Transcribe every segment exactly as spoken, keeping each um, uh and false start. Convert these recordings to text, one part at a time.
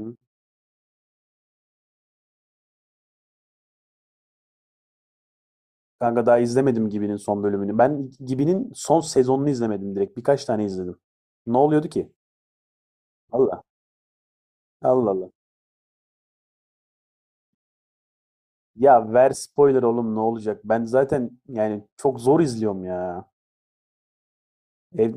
Hı. Kanka daha izlemedim Gibi'nin son bölümünü. Ben Gibi'nin son sezonunu izlemedim direkt. Birkaç tane izledim. Ne oluyordu ki? Allah. Allah Allah. Ya ver spoiler oğlum, ne olacak? Ben zaten yani çok zor izliyorum ya. Ev,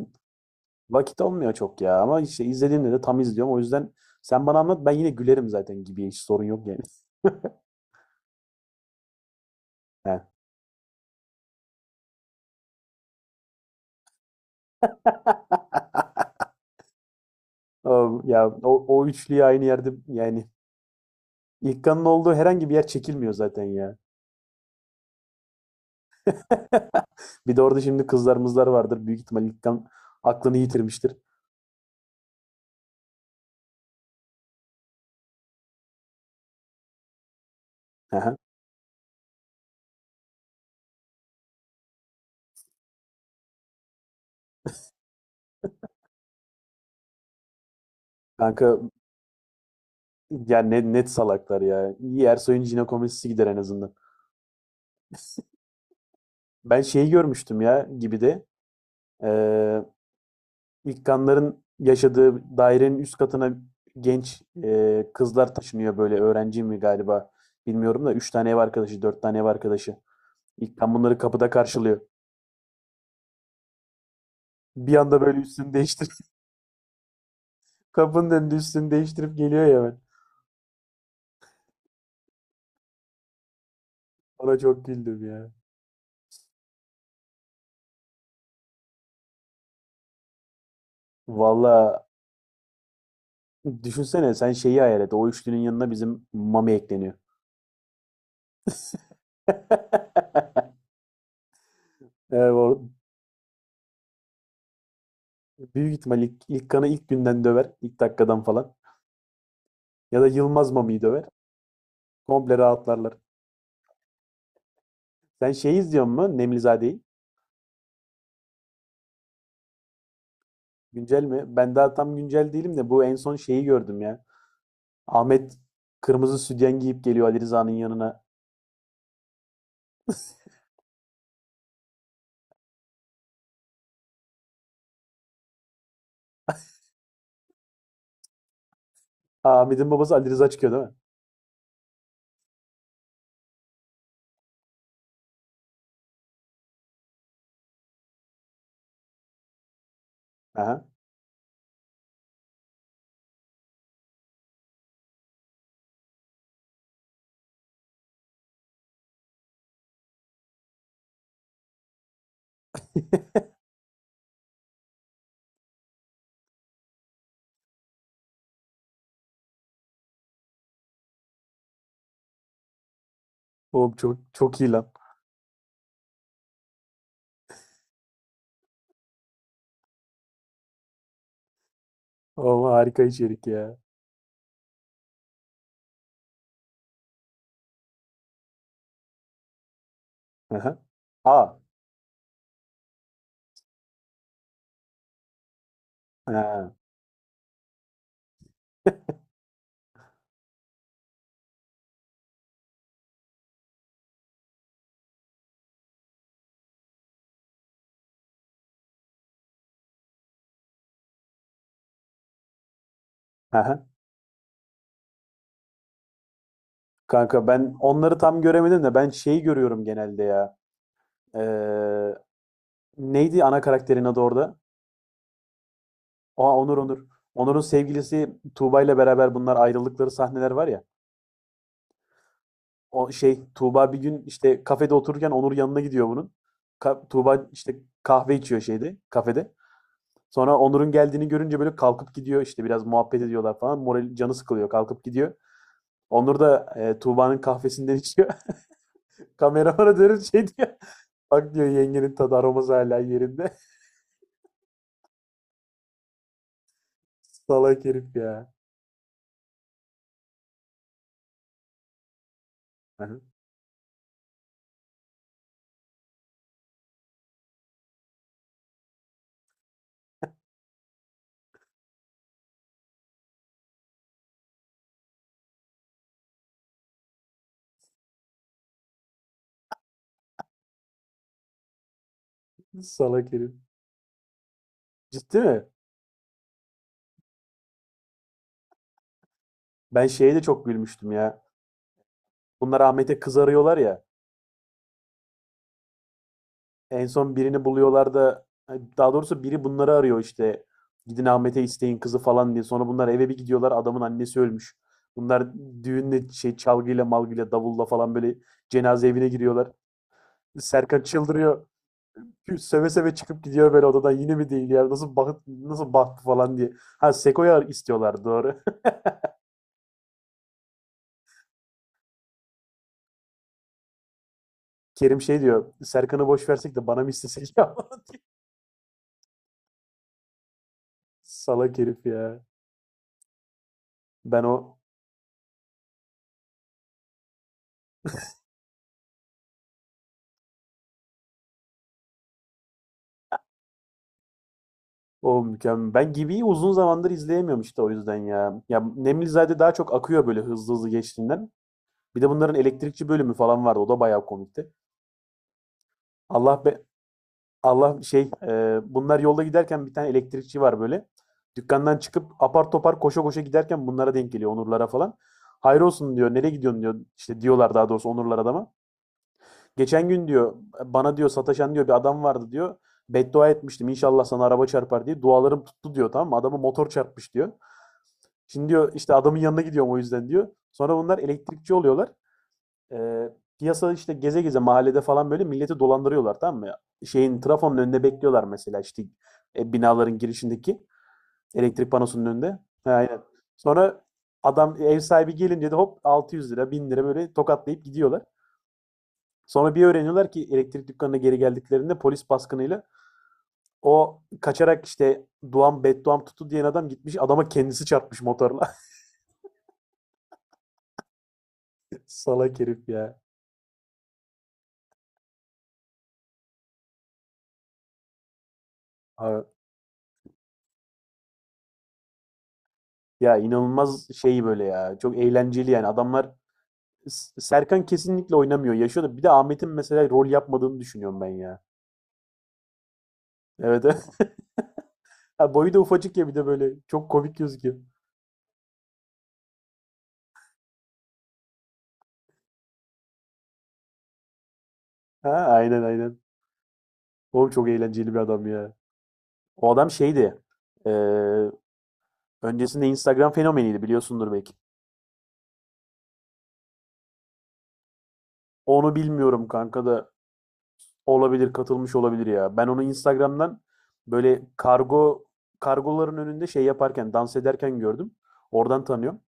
Vakit olmuyor çok ya. Ama işte izlediğimde de tam izliyorum. O yüzden sen bana anlat, ben yine gülerim zaten Gibi'ye. Hiç sorun yok yani. He. O- Ya o, o üçlüyü aynı yerde yani İlkan'ın olduğu herhangi bir yer çekilmiyor zaten ya. Bir de orada şimdi kızlarımızlar vardır. Büyük ihtimal İlkan aklını yitirmiştir. Hı. Kanka yani ne, net salaklar ya. İyi, Ersoy'un jinekomastisi gider en azından. Ben şeyi görmüştüm ya gibi de eee İlkanların yaşadığı dairenin üst katına genç eee, kızlar taşınıyor, böyle öğrenci mi galiba bilmiyorum da, üç tane ev arkadaşı, dört tane ev arkadaşı. İlkan bunları kapıda karşılıyor. Bir anda böyle üstünü değiştirip kapının önünde üstünü değiştirip geliyor ya ben. Ona çok güldüm ya. Valla, düşünsene, sen şeyi hayal et. O üçlünün yanına bizim Mami ekleniyor. Evet, o büyük ihtimal ilk, ilk kanı ilk günden döver. İlk dakikadan falan. Ya da Yılmaz Mami'yi döver. Komple rahatlarlar. Sen şeyi izliyor musun? Nemlizade'yi. Güncel mi? Ben daha tam güncel değilim de bu en son şeyi gördüm ya. Ahmet kırmızı sütyen giyip geliyor Ali Rıza'nın yanına. Aa, Ahmet'in babası Ali Rıza çıkıyor değil mi? Aha. Oğlum çok çok iyi lan. Oğlum, harika içerik ya. Aha. Aa. Ha. Aha. Kanka, ben onları tam göremedim de ben şeyi görüyorum genelde ya. Ee, Neydi ana karakterin adı orada? Aa, Onur. Onur. Onur'un sevgilisi Tuğba ile beraber bunlar ayrıldıkları sahneler var ya. O şey, Tuğba bir gün işte kafede otururken Onur yanına gidiyor bunun. Ka- Tuğba işte kahve içiyor şeyde, kafede. Sonra Onur'un geldiğini görünce böyle kalkıp gidiyor, işte biraz muhabbet ediyorlar falan. Moral, canı sıkılıyor, kalkıp gidiyor. Onur da e, Tuğba'nın kahvesinden içiyor. Kameramana dönüp şey diyor. Bak, diyor, yengenin tadı aroması hala yerinde. Salak herif ya. Salak herif. Ciddi mi? Ben şeye de çok gülmüştüm ya. Bunlar Ahmet'e kız arıyorlar ya. En son birini buluyorlar da, daha doğrusu biri bunları arıyor işte. Gidin Ahmet'e isteyin kızı falan diye. Sonra bunlar eve bir gidiyorlar, adamın annesi ölmüş. Bunlar düğünle, şey, çalgıyla malgıyla davulla falan böyle cenaze evine giriyorlar. Serkan çıldırıyor. Seve seve çıkıp gidiyor böyle odadan, yine mi değil ya, nasıl bak, nasıl baktı falan diye. Ha, Seko'ya istiyorlar, doğru. Kerim şey diyor, Serkan'ı boş versek de bana mı istesek ya? Salak herif ya. Ben o O mükemmel. Ben Gibi'yi uzun zamandır izleyemiyorum işte, o yüzden ya. Ya Nemlizade daha çok akıyor böyle, hızlı hızlı geçtiğinden. Bir de bunların elektrikçi bölümü falan vardı. O da bayağı komikti. Allah be. Allah, şey, e, bunlar yolda giderken bir tane elektrikçi var böyle. Dükkandan çıkıp apar topar koşa koşa giderken bunlara denk geliyor, Onurlara falan. Hayır olsun, diyor. Nereye gidiyorsun, diyor. İşte diyorlar, daha doğrusu Onurlar adama. Geçen gün, diyor, bana, diyor, sataşan, diyor, bir adam vardı, diyor. Beddua etmiştim, inşallah sana araba çarpar diye. Dualarım tuttu, diyor, tamam mı? Adamı motor çarpmış, diyor. Şimdi, diyor, işte adamın yanına gidiyorum o yüzden, diyor. Sonra bunlar elektrikçi oluyorlar. Eee, Piyasada işte geze geze mahallede falan böyle milleti dolandırıyorlar, tamam mı? Şeyin, trafonun önünde bekliyorlar mesela, işte e, binaların girişindeki elektrik panosunun önünde. Ha, aynen. Sonra adam, ev sahibi gelince de hop altı yüz lira, bin lira böyle tokatlayıp gidiyorlar. Sonra bir öğreniyorlar ki elektrik dükkanına geri geldiklerinde polis baskınıyla o kaçarak işte, Duam Bedduam tuttu diyen adam gitmiş adama, kendisi çarpmış motorla. Salak herif ya. Abi, ya inanılmaz şey böyle ya. Çok eğlenceli yani. Adamlar, S- Serkan kesinlikle oynamıyor. Yaşıyor. Da bir de Ahmet'in mesela rol yapmadığını düşünüyorum ben ya. Evet. Evet. Ha, boyu da ufacık ya bir de böyle. Çok komik gözüküyor. Ha, aynen aynen. Oğlum çok eğlenceli bir adam ya. O adam şeydi. e, Öncesinde Instagram fenomeniydi, biliyorsundur belki. Onu bilmiyorum kanka da, olabilir, katılmış olabilir ya. Ben onu Instagram'dan böyle kargo kargoların önünde şey yaparken, dans ederken gördüm. Oradan tanıyorum.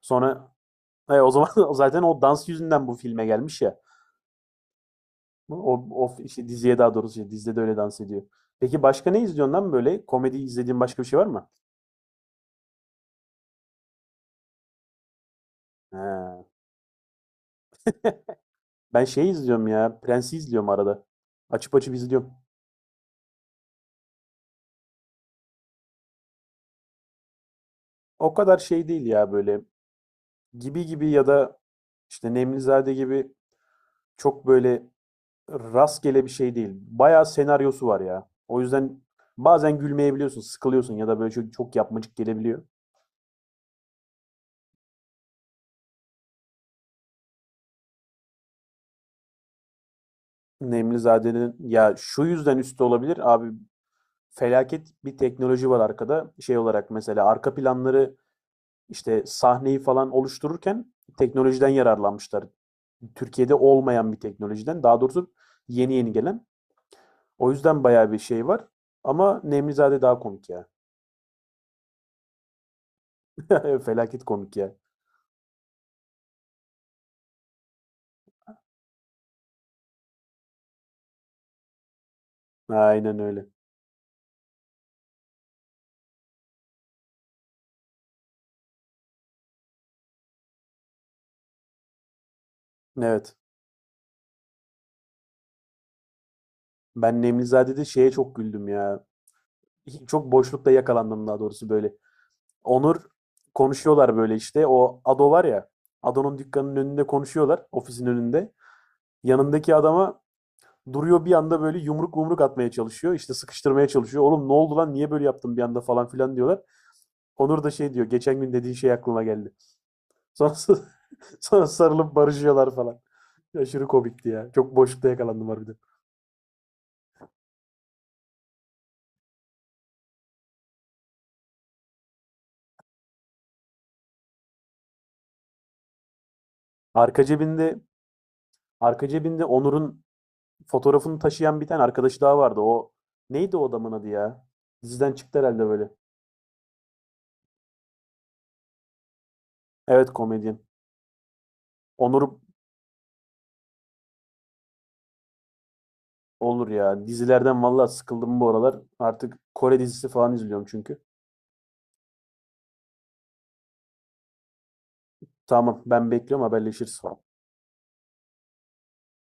Sonra e, o zaman zaten o dans yüzünden bu filme gelmiş ya. O, o işte diziye, daha doğrusu şey, dizide de öyle dans ediyor. Peki başka ne izliyorsun lan böyle? Komedi izlediğin başka bir şey var mı? He. Ben şey izliyorum ya. Prens'i izliyorum arada. Açıp açıp izliyorum. O kadar şey değil ya böyle. Gibi gibi ya da işte Nemlizade gibi çok böyle rastgele bir şey değil. Bayağı senaryosu var ya. O yüzden bazen gülmeyebiliyorsun, sıkılıyorsun, ya da böyle çok, çok yapmacık gelebiliyor. Nemlizade'nin ya şu yüzden üstü olabilir abi, felaket bir teknoloji var arkada. Şey olarak mesela arka planları, işte sahneyi falan oluştururken teknolojiden yararlanmışlar. Türkiye'de olmayan bir teknolojiden. Daha doğrusu yeni yeni gelen. O yüzden bayağı bir şey var. Ama Nemlizade daha komik ya. Felaket komik ya. Aynen öyle. Evet. Ben Nemlizade'de şeye çok güldüm ya. Çok boşlukta yakalandım daha doğrusu böyle. Onur, konuşuyorlar böyle işte. O Ado var ya. Ado'nun dükkanının önünde konuşuyorlar. Ofisin önünde. Yanındaki adama duruyor bir anda böyle, yumruk yumruk atmaya çalışıyor. İşte sıkıştırmaya çalışıyor. Oğlum ne oldu lan, niye böyle yaptın bir anda falan filan diyorlar. Onur da şey diyor, geçen gün dediğin şey aklıma geldi. Sonra, sonra sarılıp barışıyorlar falan. Aşırı komikti ya. Çok boşlukta yakalandım harbiden. Arka cebinde arka cebinde Onur'un fotoğrafını taşıyan bir tane arkadaşı daha vardı. O, neydi o adamın adı ya? Diziden çıktı herhalde böyle. Evet, komedyen. Onur, olur ya. Dizilerden vallahi sıkıldım bu aralar. Artık Kore dizisi falan izliyorum çünkü. Tamam, ben bekliyorum, haberleşiriz.